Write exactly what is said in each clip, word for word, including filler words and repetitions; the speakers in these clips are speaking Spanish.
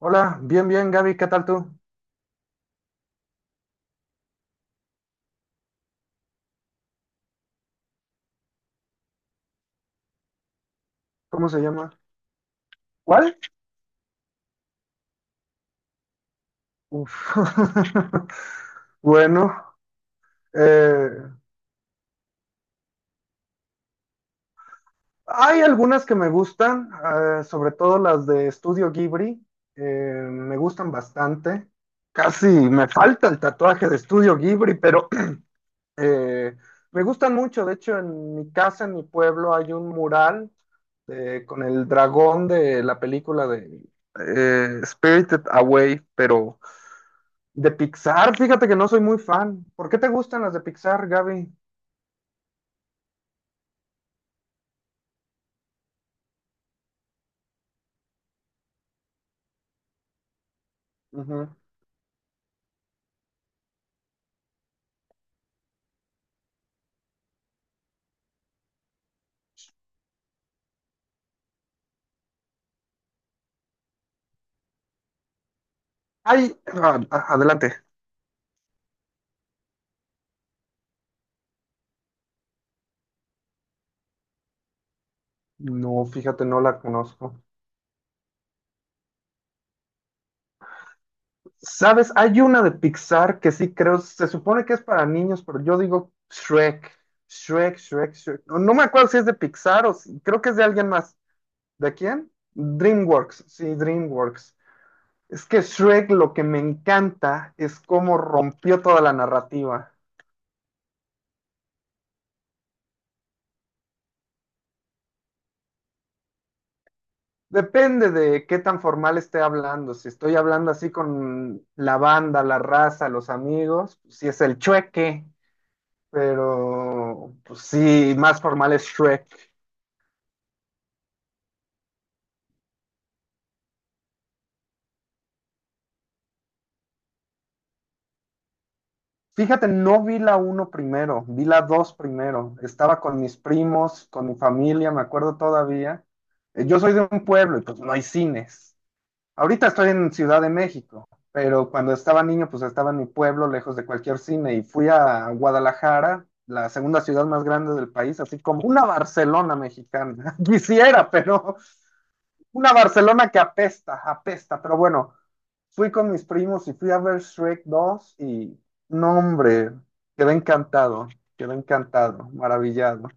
Hola, bien, bien, Gaby, ¿qué tal tú? ¿Cómo se llama? ¿Cuál? Uf. Bueno, eh, Hay algunas que me gustan, eh, sobre todo las de Estudio Ghibli. Eh, me gustan bastante. Casi me falta el tatuaje de Estudio Ghibli, pero eh, me gustan mucho. De hecho, en mi casa, en mi pueblo, hay un mural eh, con el dragón de la película de eh, Spirited Away, pero de Pixar, fíjate que no soy muy fan. ¿Por qué te gustan las de Pixar, Gaby? Ujú. Ay, a- a- adelante. No, fíjate, no la conozco. ¿Sabes? Hay una de Pixar que sí creo, se supone que es para niños, pero yo digo Shrek, Shrek, Shrek, Shrek. No, no me acuerdo si es de Pixar o si- creo que es de alguien más. ¿De quién? DreamWorks, sí, DreamWorks. Es que Shrek lo que me encanta es cómo rompió toda la narrativa. Depende de qué tan formal esté hablando. Si estoy hablando así con la banda, la raza, los amigos, si es el chueque, pero pues sí, más formal es Shrek. Fíjate, no vi la uno primero, vi la dos primero. Estaba con mis primos, con mi familia, me acuerdo todavía. Eh, Yo soy de un pueblo y pues no hay cines. Ahorita estoy en Ciudad de México, pero cuando estaba niño, pues estaba en mi pueblo, lejos de cualquier cine, y fui a Guadalajara, la segunda ciudad más grande del país, así como una Barcelona mexicana. Quisiera, pero una Barcelona que apesta, apesta. Pero bueno, fui con mis primos y fui a ver Shrek dos y no, hombre, quedé encantado, quedé encantado, maravillado.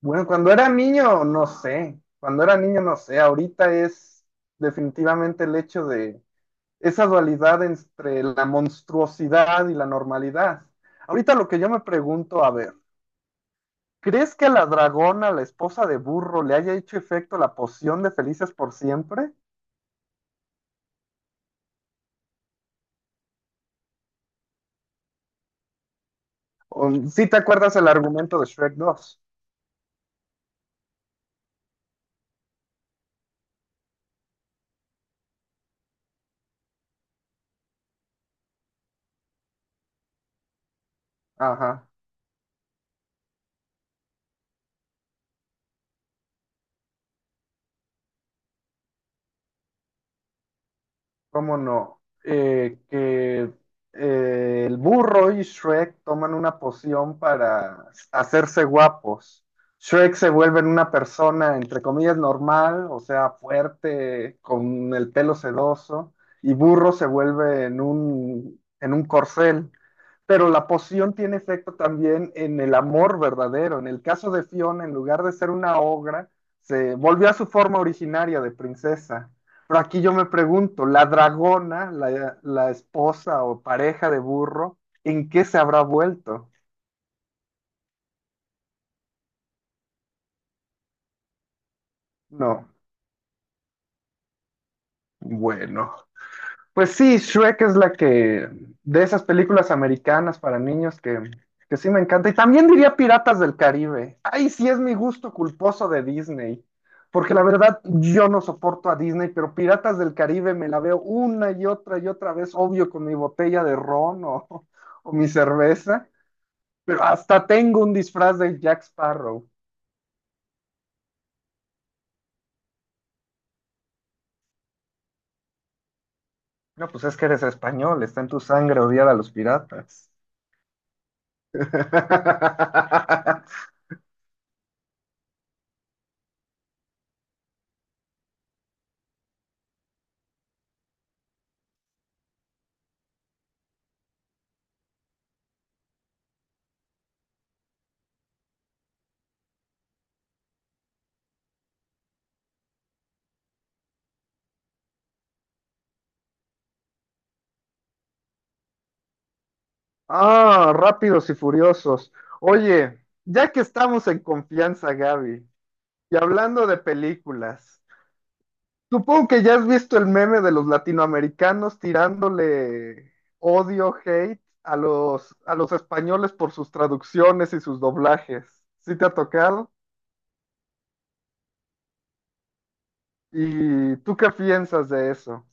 Bueno, cuando era niño, no sé, cuando era niño, no sé, ahorita es definitivamente el hecho de esa dualidad entre la monstruosidad y la normalidad. Ahorita lo que yo me pregunto, a ver, ¿crees que a la dragona, la esposa de burro, le haya hecho efecto la poción de felices por siempre? ¿O, ¿sí te acuerdas el argumento de Shrek dos? Ajá. ¿Cómo no? Eh, que eh, El burro y Shrek toman una poción para hacerse guapos. Shrek se vuelve en una persona, entre comillas, normal, o sea, fuerte, con el pelo sedoso, y burro se vuelve en un, en un corcel. Pero la poción tiene efecto también en el amor verdadero. En el caso de Fiona, en lugar de ser una ogra, se volvió a su forma originaria de princesa. Pero aquí yo me pregunto, la dragona, la, la esposa o pareja de burro, ¿en qué se habrá vuelto? No, bueno. Pues sí, Shrek es la que, de esas películas americanas para niños que, que sí me encanta. Y también diría Piratas del Caribe. Ay, sí es mi gusto culposo de Disney. Porque la verdad, yo no soporto a Disney, pero Piratas del Caribe me la veo una y otra y otra vez, obvio, con mi botella de ron o, o mi cerveza. Pero hasta tengo un disfraz de Jack Sparrow. No, pues es que eres español, está en tu sangre odiar a los piratas. Ah, rápidos y furiosos. Oye, ya que estamos en confianza, Gaby, y hablando de películas, supongo que ya has visto el meme de los latinoamericanos tirándole odio, hate a los, a los españoles por sus traducciones y sus doblajes. ¿Sí te ha tocado? ¿Y tú qué piensas de eso?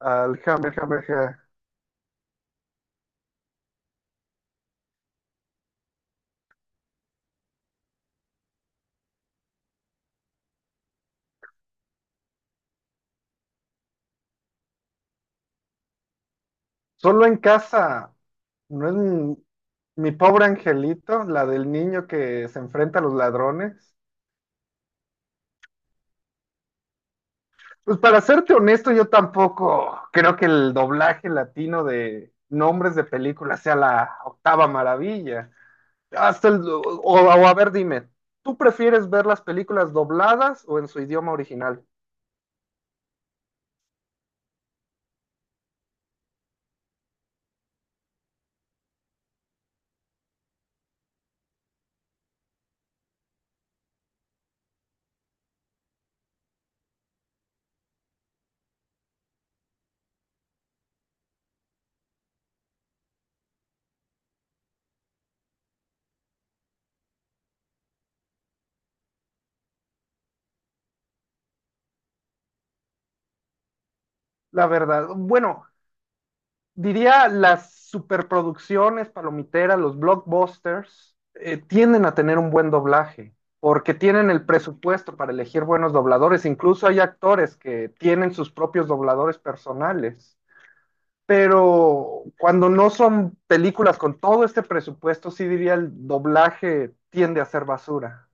Al Hammer, Hammer, Hammer. Solo en casa. No es mi, mi pobre angelito, la del niño que se enfrenta a los ladrones. Pues para serte honesto, yo tampoco creo que el doblaje latino de nombres de películas sea la octava maravilla. Hasta el, o, o a ver, dime, ¿tú prefieres ver las películas dobladas o en su idioma original? La verdad, bueno, diría las superproducciones palomiteras, los blockbusters, eh, tienden a tener un buen doblaje, porque tienen el presupuesto para elegir buenos dobladores. Incluso hay actores que tienen sus propios dobladores personales. Pero cuando no son películas con todo este presupuesto, sí diría el doblaje tiende a ser basura.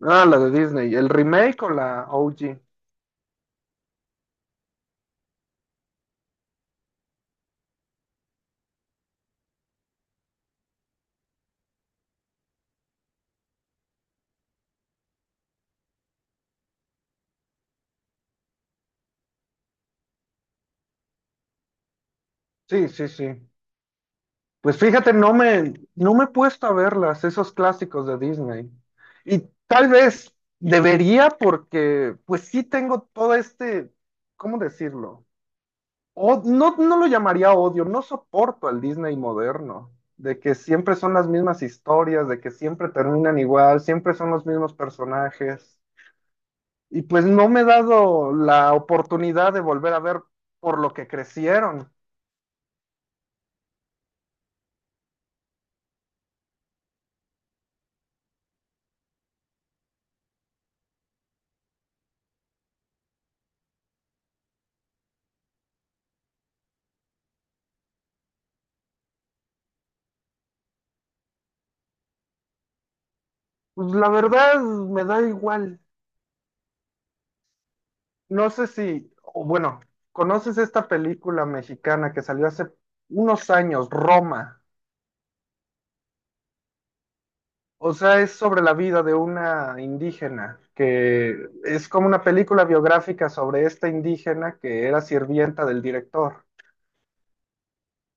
Ah, la de Disney. ¿El remake o la O G? Sí, sí, sí. Pues fíjate, no me, no me he puesto a verlas, esos clásicos de Disney. Y tal vez debería porque pues sí tengo todo este, ¿cómo decirlo? O, no, no lo llamaría odio, no soporto al Disney moderno, de que siempre son las mismas historias, de que siempre terminan igual, siempre son los mismos personajes. Y pues no me he dado la oportunidad de volver a ver por lo que crecieron. Pues la verdad me da igual. No sé si, o bueno, ¿conoces esta película mexicana que salió hace unos años, Roma? O sea, es sobre la vida de una indígena, que es como una película biográfica sobre esta indígena que era sirvienta del director.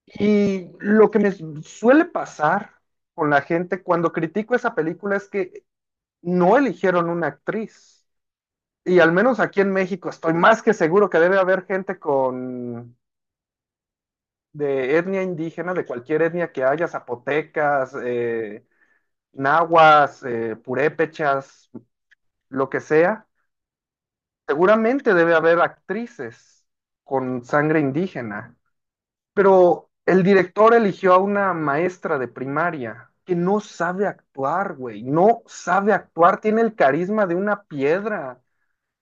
Y lo que me suele pasar con la gente cuando critico esa película es que no eligieron una actriz. Y al menos aquí en México estoy más que seguro que debe haber gente con de etnia indígena, de cualquier etnia que haya, zapotecas, eh, nahuas, eh, purépechas, lo que sea, seguramente debe haber actrices con sangre indígena. Pero el director eligió a una maestra de primaria que no sabe actuar, güey, no sabe actuar, tiene el carisma de una piedra.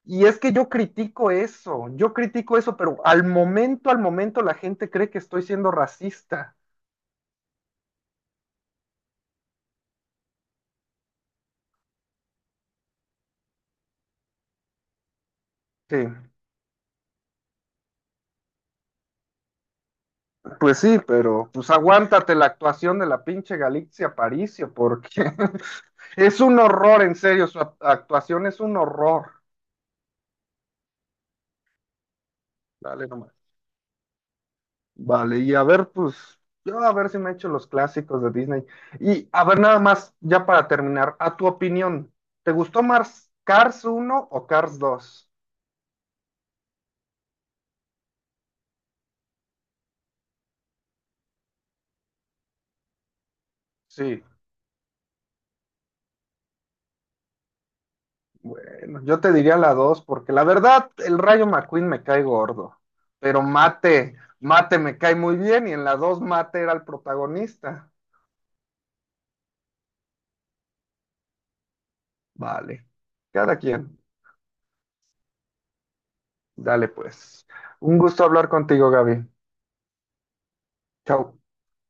Y es que yo critico eso, yo critico eso, pero al momento, al momento la gente cree que estoy siendo racista. Sí. Pues sí, pero pues aguántate la actuación de la pinche Galicia Paricio, porque es un horror, en serio, su a- actuación es un horror. Dale nomás. Vale, y a ver, pues, yo a ver si me echo los clásicos de Disney. Y a ver, nada más, ya para terminar, a tu opinión, ¿te gustó más Cars uno o Cars dos? Sí. Bueno, yo te diría la dos porque la verdad, el Rayo McQueen me cae gordo, pero Mate, Mate me cae muy bien y en la dos Mate era el protagonista. Vale, cada quien. Dale pues. Un gusto hablar contigo, Gaby. Chao.